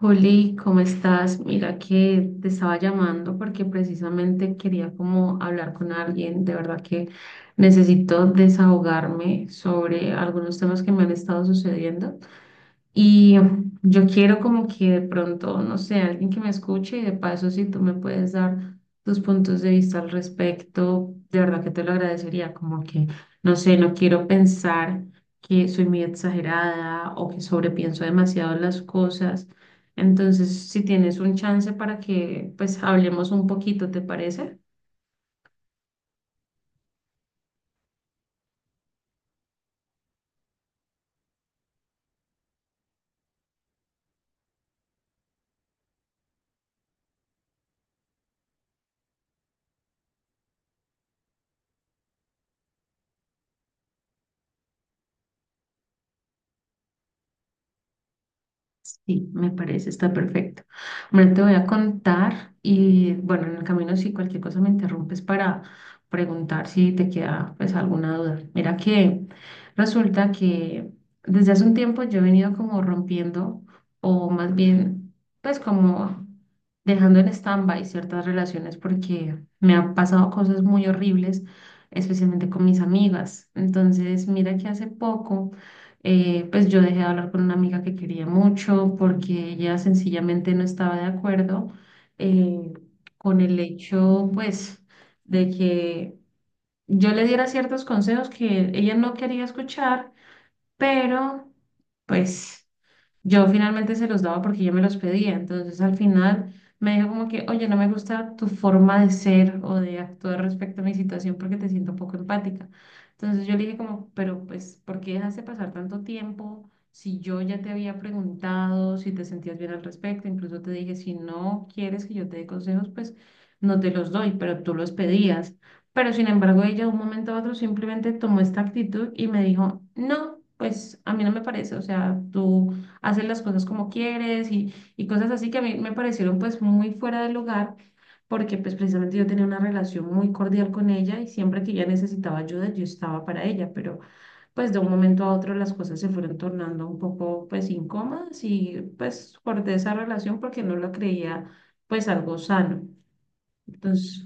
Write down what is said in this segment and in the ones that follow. Juli, ¿cómo estás? Mira que te estaba llamando porque precisamente quería como hablar con alguien. De verdad que necesito desahogarme sobre algunos temas que me han estado sucediendo. Y yo quiero como que de pronto, no sé, alguien que me escuche y de paso si tú me puedes dar tus puntos de vista al respecto, de verdad que te lo agradecería, como que, no sé, no quiero pensar que soy muy exagerada o que sobrepienso demasiado las cosas. Entonces, si tienes un chance para que pues hablemos un poquito, ¿te parece? Sí, me parece, está perfecto. Bueno, te voy a contar y bueno, en el camino si cualquier cosa me interrumpes para preguntar si te queda pues alguna duda. Mira que resulta que desde hace un tiempo yo he venido como rompiendo o más bien pues como dejando en stand-by ciertas relaciones porque me han pasado cosas muy horribles, especialmente con mis amigas. Entonces, mira que hace poco pues yo dejé de hablar con una amiga que quería mucho porque ella sencillamente no estaba de acuerdo eh, con el hecho, pues, de que yo le diera ciertos consejos que ella no quería escuchar, pero, pues... Yo finalmente se los daba porque yo me los pedía. Entonces al final me dijo como que, oye, no me gusta tu forma de ser o de actuar respecto a mi situación porque te siento poco empática. Entonces yo le dije como, pero pues, ¿por qué dejaste pasar tanto tiempo? Si yo ya te había preguntado si te sentías bien al respecto, incluso te dije, si no quieres que yo te dé consejos, pues no te los doy, pero tú los pedías. Pero sin embargo, ella de un momento a otro simplemente tomó esta actitud y me dijo, no, pues a mí no me parece, o sea, tú hacer las cosas como quieres y cosas así que a mí me parecieron pues muy fuera de lugar porque pues precisamente yo tenía una relación muy cordial con ella y siempre que ella necesitaba ayuda yo estaba para ella, pero pues de un momento a otro las cosas se fueron tornando un poco pues incómodas y pues corté esa relación porque no la creía pues algo sano. Entonces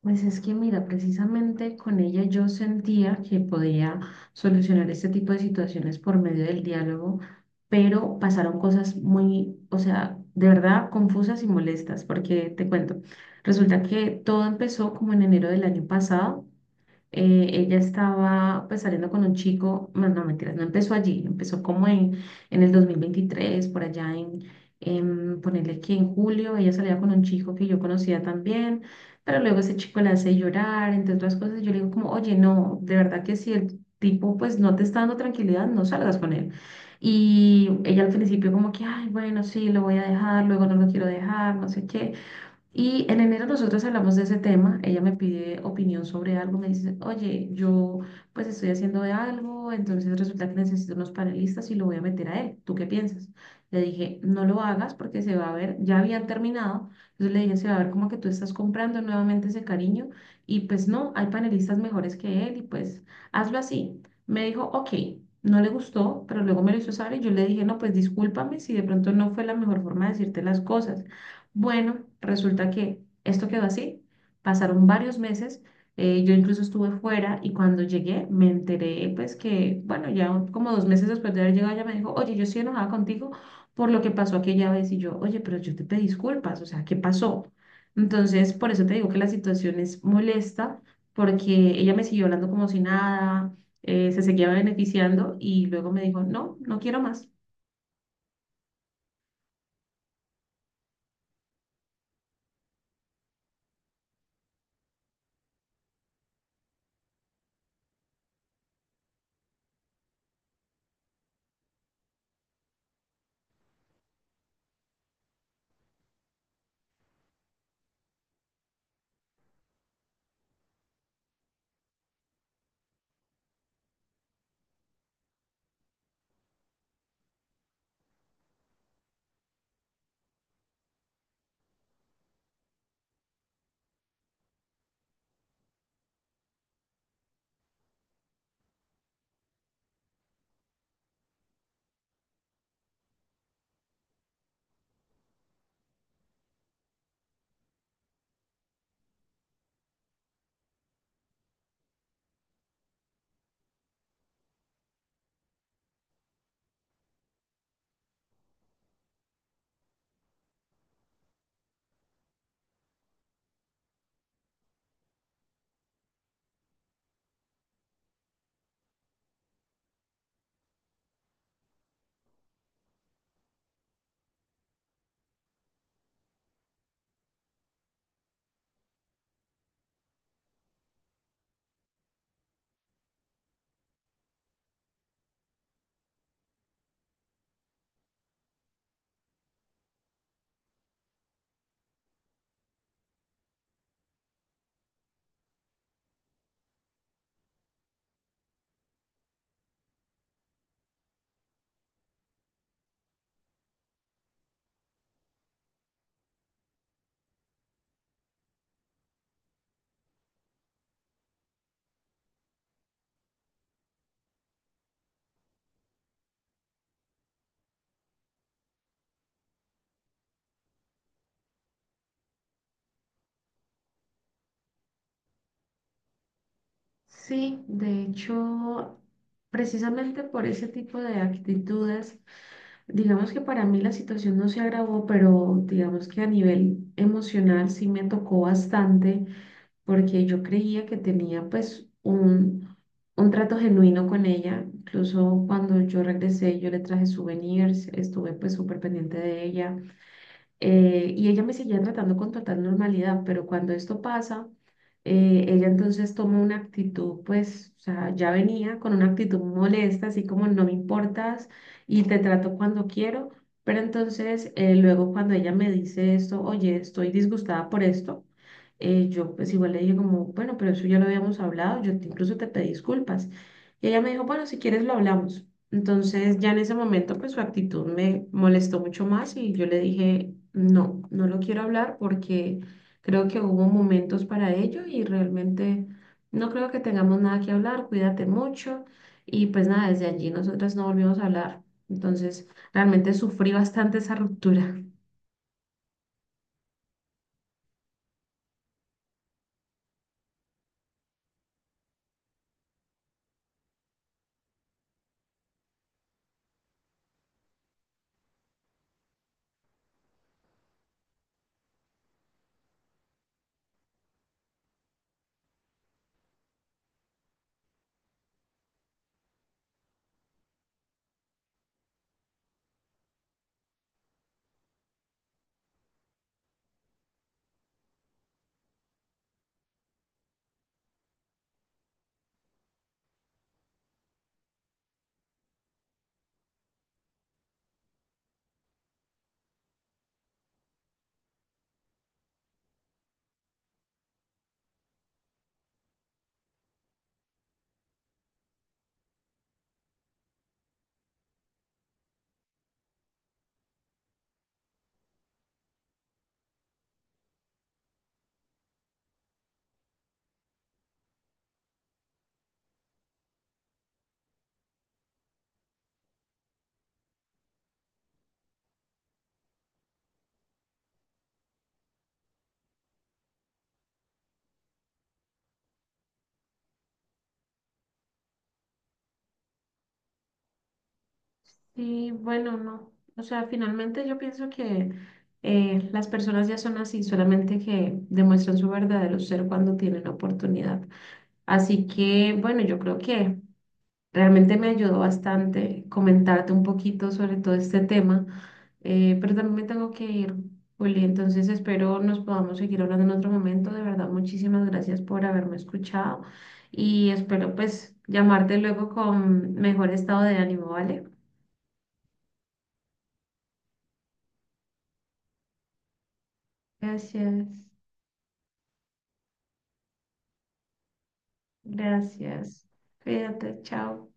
pues es que mira, precisamente con ella yo sentía que podía solucionar este tipo de situaciones por medio del diálogo, pero pasaron cosas muy, o sea, de verdad confusas y molestas, porque te cuento, resulta que todo empezó como en enero del año pasado. Ella estaba pues saliendo con un chico, más no mentiras, no empezó allí, empezó como en el 2023, por allá en ponerle que en julio, ella salía con un chico que yo conocía también, pero luego ese chico la hace llorar, entre otras cosas, yo le digo como, oye, no, de verdad que si el tipo pues no te está dando tranquilidad, no salgas con él. Y ella al principio como que, ay, bueno, sí, lo voy a dejar, luego no lo quiero dejar, no sé qué. Y en enero nosotros hablamos de ese tema, ella me pide opinión sobre algo, me dice, oye, yo pues estoy haciendo de algo, entonces resulta que necesito unos panelistas y lo voy a meter a él, ¿tú qué piensas? Le dije, no lo hagas porque se va a ver, ya habían terminado, entonces le dije, se va a ver como que tú estás comprando nuevamente ese cariño y pues no, hay panelistas mejores que él y pues hazlo así. Me dijo, ok, no le gustó, pero luego me lo hizo saber y yo le dije, no, pues discúlpame si de pronto no fue la mejor forma de decirte las cosas. Bueno, resulta que esto quedó así. Pasaron varios meses. Yo incluso estuve fuera y cuando llegué me enteré, pues que, bueno, como dos meses después de haber llegado, ella me dijo, oye, yo estoy enojada contigo por lo que pasó aquella vez. Y yo, oye, pero yo te pedí disculpas, o sea, ¿qué pasó? Entonces, por eso te digo que la situación es molesta, porque ella me siguió hablando como si nada, se seguía beneficiando y luego me dijo, no, no quiero más. Sí, de hecho, precisamente por ese tipo de actitudes, digamos que para mí la situación no se agravó, pero digamos que a nivel emocional sí me tocó bastante porque yo creía que tenía pues un trato genuino con ella. Incluso cuando yo regresé, yo le traje souvenirs, estuve pues súper pendiente de ella. Y ella me seguía tratando con total normalidad, pero cuando esto pasa, ella entonces toma una actitud, pues, o sea, ya venía con una actitud molesta, así como no me importas y te trato cuando quiero, pero entonces luego cuando ella me dice esto, oye, estoy disgustada por esto, yo pues igual le dije como, bueno, pero eso ya lo habíamos hablado, incluso te pedí disculpas. Y ella me dijo, bueno, si quieres lo hablamos. Entonces ya en ese momento pues su actitud me molestó mucho más y yo le dije, no, no lo quiero hablar porque creo que hubo momentos para ello y realmente no creo que tengamos nada que hablar, cuídate mucho y pues nada, desde allí nosotras no volvimos a hablar. Entonces realmente sufrí bastante esa ruptura. Sí, bueno, no. O sea, finalmente yo pienso que las personas ya son así, solamente que demuestran su verdadero ser cuando tienen oportunidad. Así que, bueno, yo creo que realmente me ayudó bastante comentarte un poquito sobre todo este tema, pero también me tengo que ir, Juli. Entonces espero nos podamos seguir hablando en otro momento. De verdad, muchísimas gracias por haberme escuchado y espero pues llamarte luego con mejor estado de ánimo, ¿vale? Gracias, gracias. Cuídate, chao.